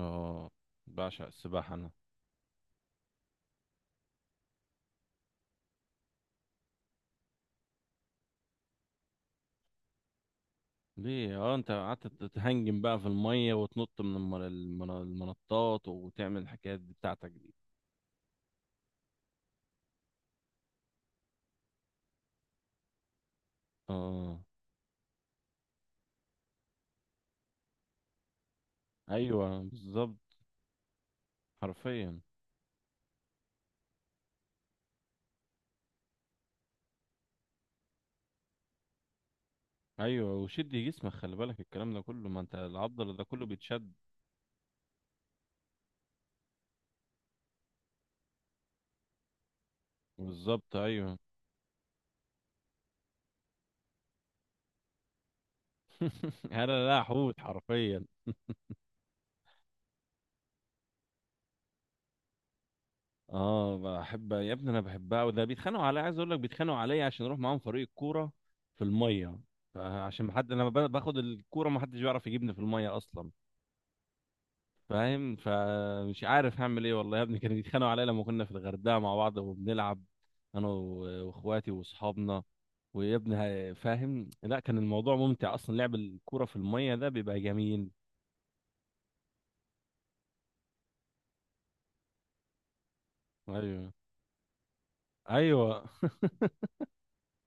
اه، بعشق السباحة انا. ليه انت قعدت تتهنجم بقى في المية وتنط من المنطات وتعمل الحكايات دي بتاعتك دي. اه، ايوه، بالظبط. حرفيا. ايوه، وشد جسمك، خلي بالك الكلام ده كله، ما انت العضل ده كله بيتشد. بالظبط، ايوه. انا لا، حوت حرفيا. اه، بحب يا ابني، انا بحبها، وده بيتخانقوا عليا، عايز اقول لك بيتخانقوا عليا عشان اروح معاهم فريق الكوره في الميه. فعشان ما حد انا باخد الكوره، ما حدش بيعرف يجيبني في الميه اصلا. فاهم؟ فمش عارف هعمل ايه والله يا ابني، كانوا بيتخانقوا عليا لما كنا في الغردقه مع بعض وبنلعب، انا واخواتي واصحابنا. ويا ابني، فاهم؟ لا، كان الموضوع ممتع اصلا، لعب الكوره في الميه ده بيبقى جميل. ايوه، ايوه.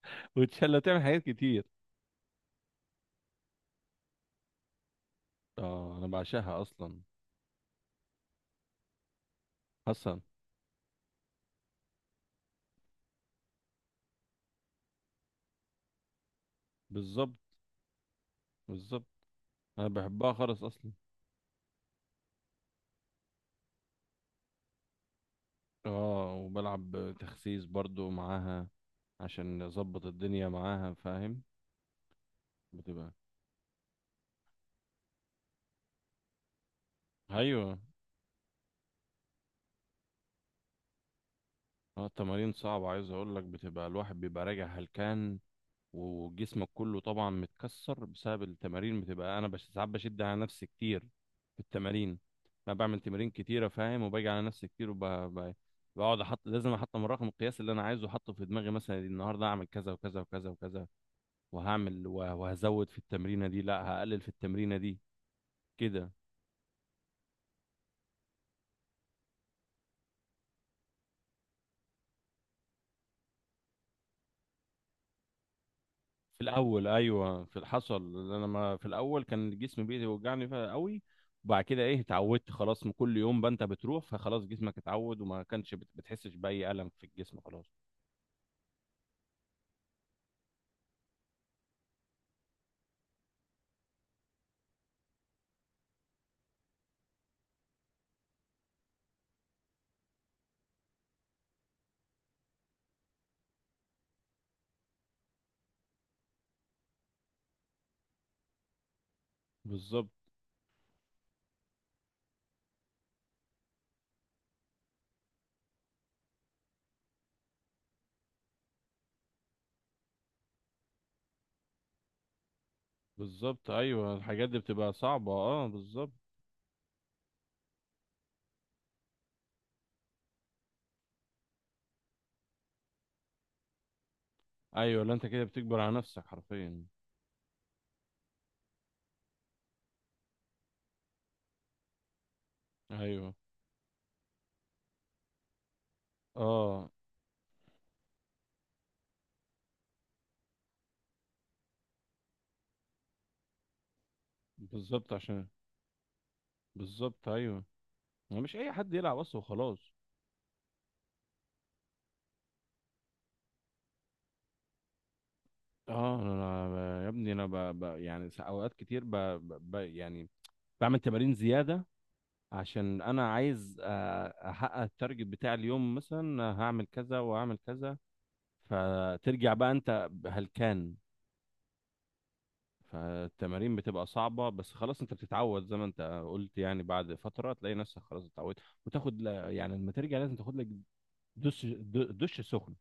وتشلى، تعمل حاجات كتير. اه، انا بعشقها اصلا. حسن. بالظبط. بالظبط. انا بحبها خالص اصلا. اه، وبلعب تخسيس برضو معاها، عشان اظبط الدنيا معاها، فاهم؟ بتبقى، ايوه. اه، التمارين صعبة عايز اقول لك، بتبقى الواحد بيبقى راجع هلكان، وجسمك كله طبعا متكسر بسبب التمارين. بتبقى انا بش ساعات بشد على نفسي كتير في التمارين. انا بعمل تمارين كتيرة، فاهم؟ وباجي على نفسي كتير، وبقعد احط، لازم احط من رقم القياس اللي انا عايزه احطه في دماغي، مثلا النهارده اعمل كذا وكذا وكذا وكذا. وهعمل وهزود في التمرينة دي، لا هقلل في التمرينة دي، كده. في الاول، ايوه، في حصل إن انا، ما في الاول كان جسمي بيوجعني فيها قوي. وبعد كده ايه، اتعودت خلاص، من كل يوم بنت بتروح، فخلاص جسمك اتعود، وما كانش بتحسش باي الم في الجسم، خلاص. بالظبط. بالظبط، ايوه، الحاجات دي بتبقى صعبه، اه، بالظبط. ايوه، لا انت كده بتكبر على نفسك حرفيا. ايوه، اه، بالظبط، عشان بالظبط، ايوه. ما مش اي حد يلعب اصلا، وخلاص. اه، انا يا ابني انا يعني اوقات كتير يعني بعمل تمارين زياده، عشان انا عايز احقق التارجت بتاع اليوم، مثلا هعمل كذا وهعمل كذا، فترجع بقى انت هلكان. فالتمارين بتبقى صعبة، بس خلاص انت بتتعود زي ما انت قلت، يعني بعد فترة تلاقي نفسك خلاص اتعودت، وتاخد يعني لما ترجع لازم تاخد لك دش، دش سخن،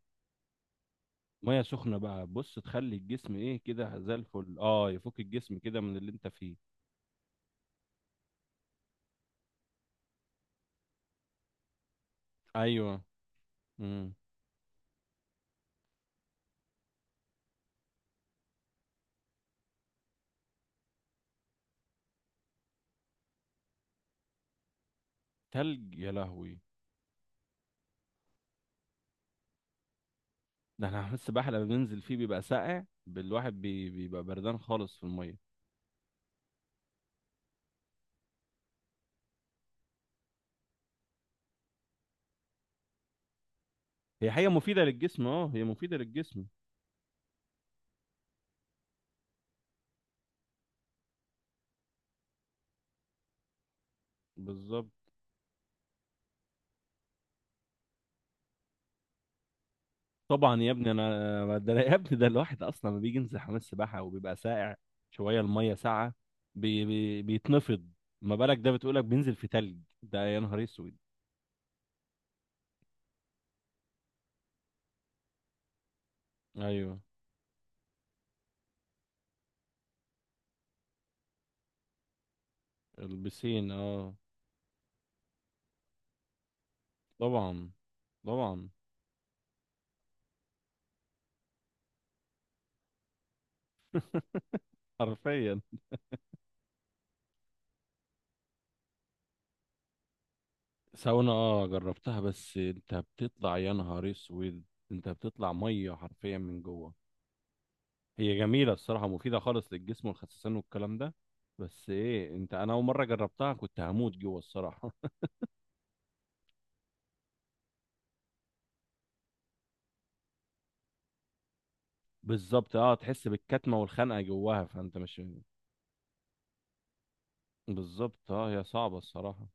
مية سخنة بقى، بص تخلي الجسم ايه كده زي الفل، اه، يفك الجسم كده من اللي انت فيه. ايوه. امم. تلج يا لهوي! ده احنا حمام السباحة لما بننزل فيه بيبقى ساقع بالواحد، بيبقى بردان خالص في المية. هي حقيقة مفيدة للجسم، اه، هي مفيدة للجسم. بالظبط. طبعا يا ابني انا ده يا ابني ده الواحد اصلا لما بيجي ينزل حمام السباحة وبيبقى ساقع شوية المية ساقعة بيتنفض. ما بالك ده بتقولك بينزل في تلج! ده يا نهار اسود. ايوه. البسين، اه. طبعا، طبعا. حرفيا. ساونا، اه، جربتها، بس انت بتطلع يا نهار اسود، انت بتطلع ميه حرفيا من جوه. هي جميله الصراحه، مفيده خالص للجسم والخسسان والكلام ده. بس ايه، انت، انا اول مره جربتها كنت هموت جوه الصراحه. بالظبط، اه، تحس بالكتمه والخنقه جواها، فانت مش. بالظبط، اه، هي صعبه الصراحه.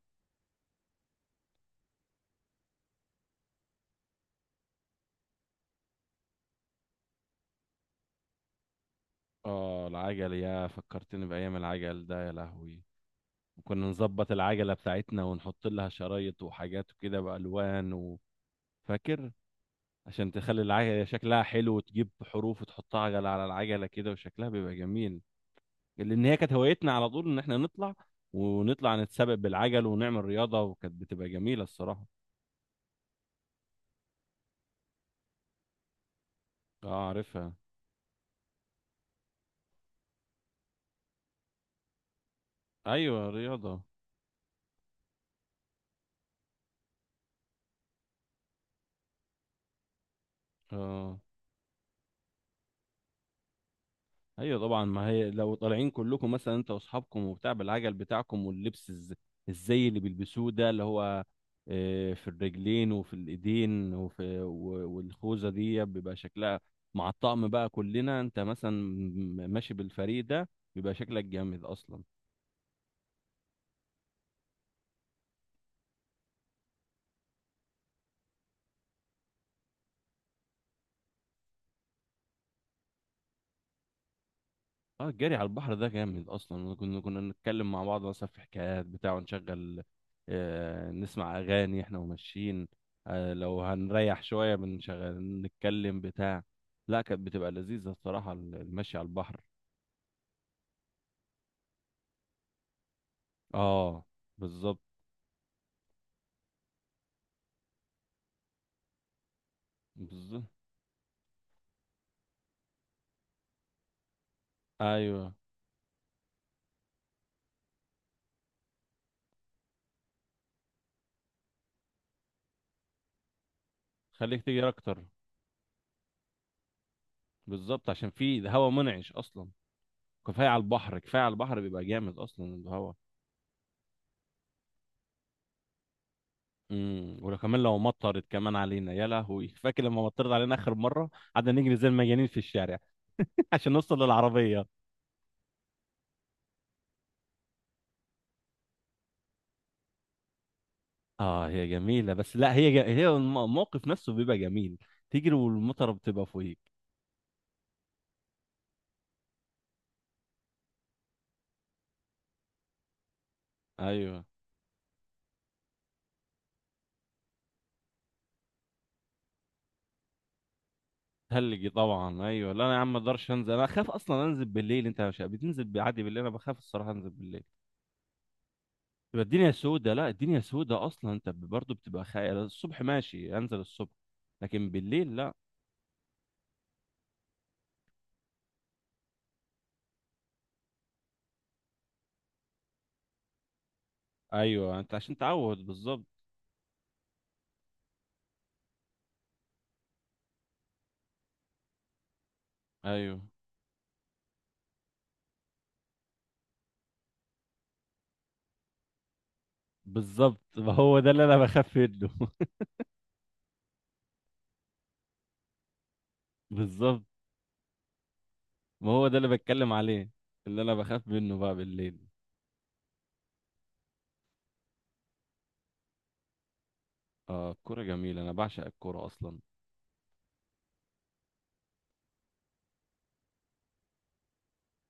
اه، العجل، يا فكرتني بايام العجل ده يا لهوي. وكنا نظبط العجله بتاعتنا ونحط لها شرايط وحاجات وكده بالوان فاكر؟ عشان تخلي العجلة شكلها حلو، وتجيب حروف وتحطها عجلة على العجلة كده، وشكلها بيبقى جميل. لأن هي كانت هوايتنا على طول، إن إحنا نطلع ونطلع نتسابق بالعجل ونعمل رياضة، وكانت بتبقى جميلة الصراحة. اه، عارفها. أيوة، رياضة. اه، ايوه طبعا، ما هي لو طالعين كلكم مثلا انت واصحابكم وبتاع بالعجل بتاعكم، واللبس الزي اللي بيلبسوه ده اللي هو في الرجلين وفي الايدين وفي والخوذه دي، بيبقى شكلها مع الطقم بقى كلنا، انت مثلا ماشي بالفريق ده، بيبقى شكلك جامد اصلا. اه، الجري على البحر ده جامد اصلا، كنا نتكلم مع بعض مثلا في حكايات بتاع، ونشغل نسمع اغاني احنا وماشيين. لو هنريح شويه بنشغل نتكلم بتاع. لا، كانت بتبقى لذيذه الصراحه المشي على البحر. اه. بالظبط. بالظبط، ايوه. خليك تجري اكتر. بالظبط، عشان في هواء منعش اصلا. كفايه على البحر، كفايه على البحر بيبقى جامد اصلا الهواء. وكمان لو مطرت كمان علينا يا لهوي، فاكر لما مطرت علينا اخر مره قعدنا نجري زي المجانين في الشارع. عشان نوصل للعربيه. اه، هي جميله، بس لا، هي هي الموقف نفسه بيبقى جميل، تجري والمطره بتبقى فوقيك. ايوه، تلجي طبعا، ايوه، لا انا يا عم ما اقدرش انزل، انا اخاف اصلا انزل بالليل، انت مش بتنزل عادي بالليل؟ انا بخاف الصراحه انزل بالليل، تبقى الدنيا سودة، لا الدنيا سودة اصلا، انت برضه بتبقى خايف، الصبح ماشي انزل الصبح، لكن بالليل لا. ايوه، انت عشان تعود، بالظبط. ايوه، بالظبط، ما هو ده اللي انا بخاف منه بالظبط، ما هو ده اللي بتكلم عليه، اللي انا بخاف منه بقى بالليل. اه، الكوره جميله، انا بعشق الكوره اصلا.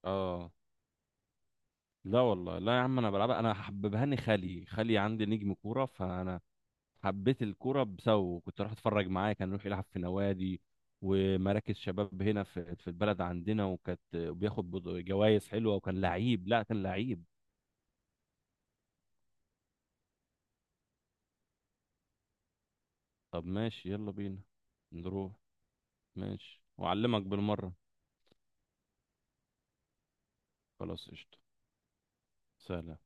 اه، لا والله، لا يا عم انا بلعبها، انا حببهاني خالي، خالي عندي نجم كوره، فانا حبيت الكوره بسببه، كنت اروح اتفرج معاه، كان يروح يلعب في نوادي ومراكز شباب هنا في البلد عندنا، وكانت بياخد جوائز حلوه، وكان لعيب، لا كان لعيب. طب ماشي، يلا بينا. نروح. ماشي، وأعلمك بالمرة. خلاص قشطة. سلام.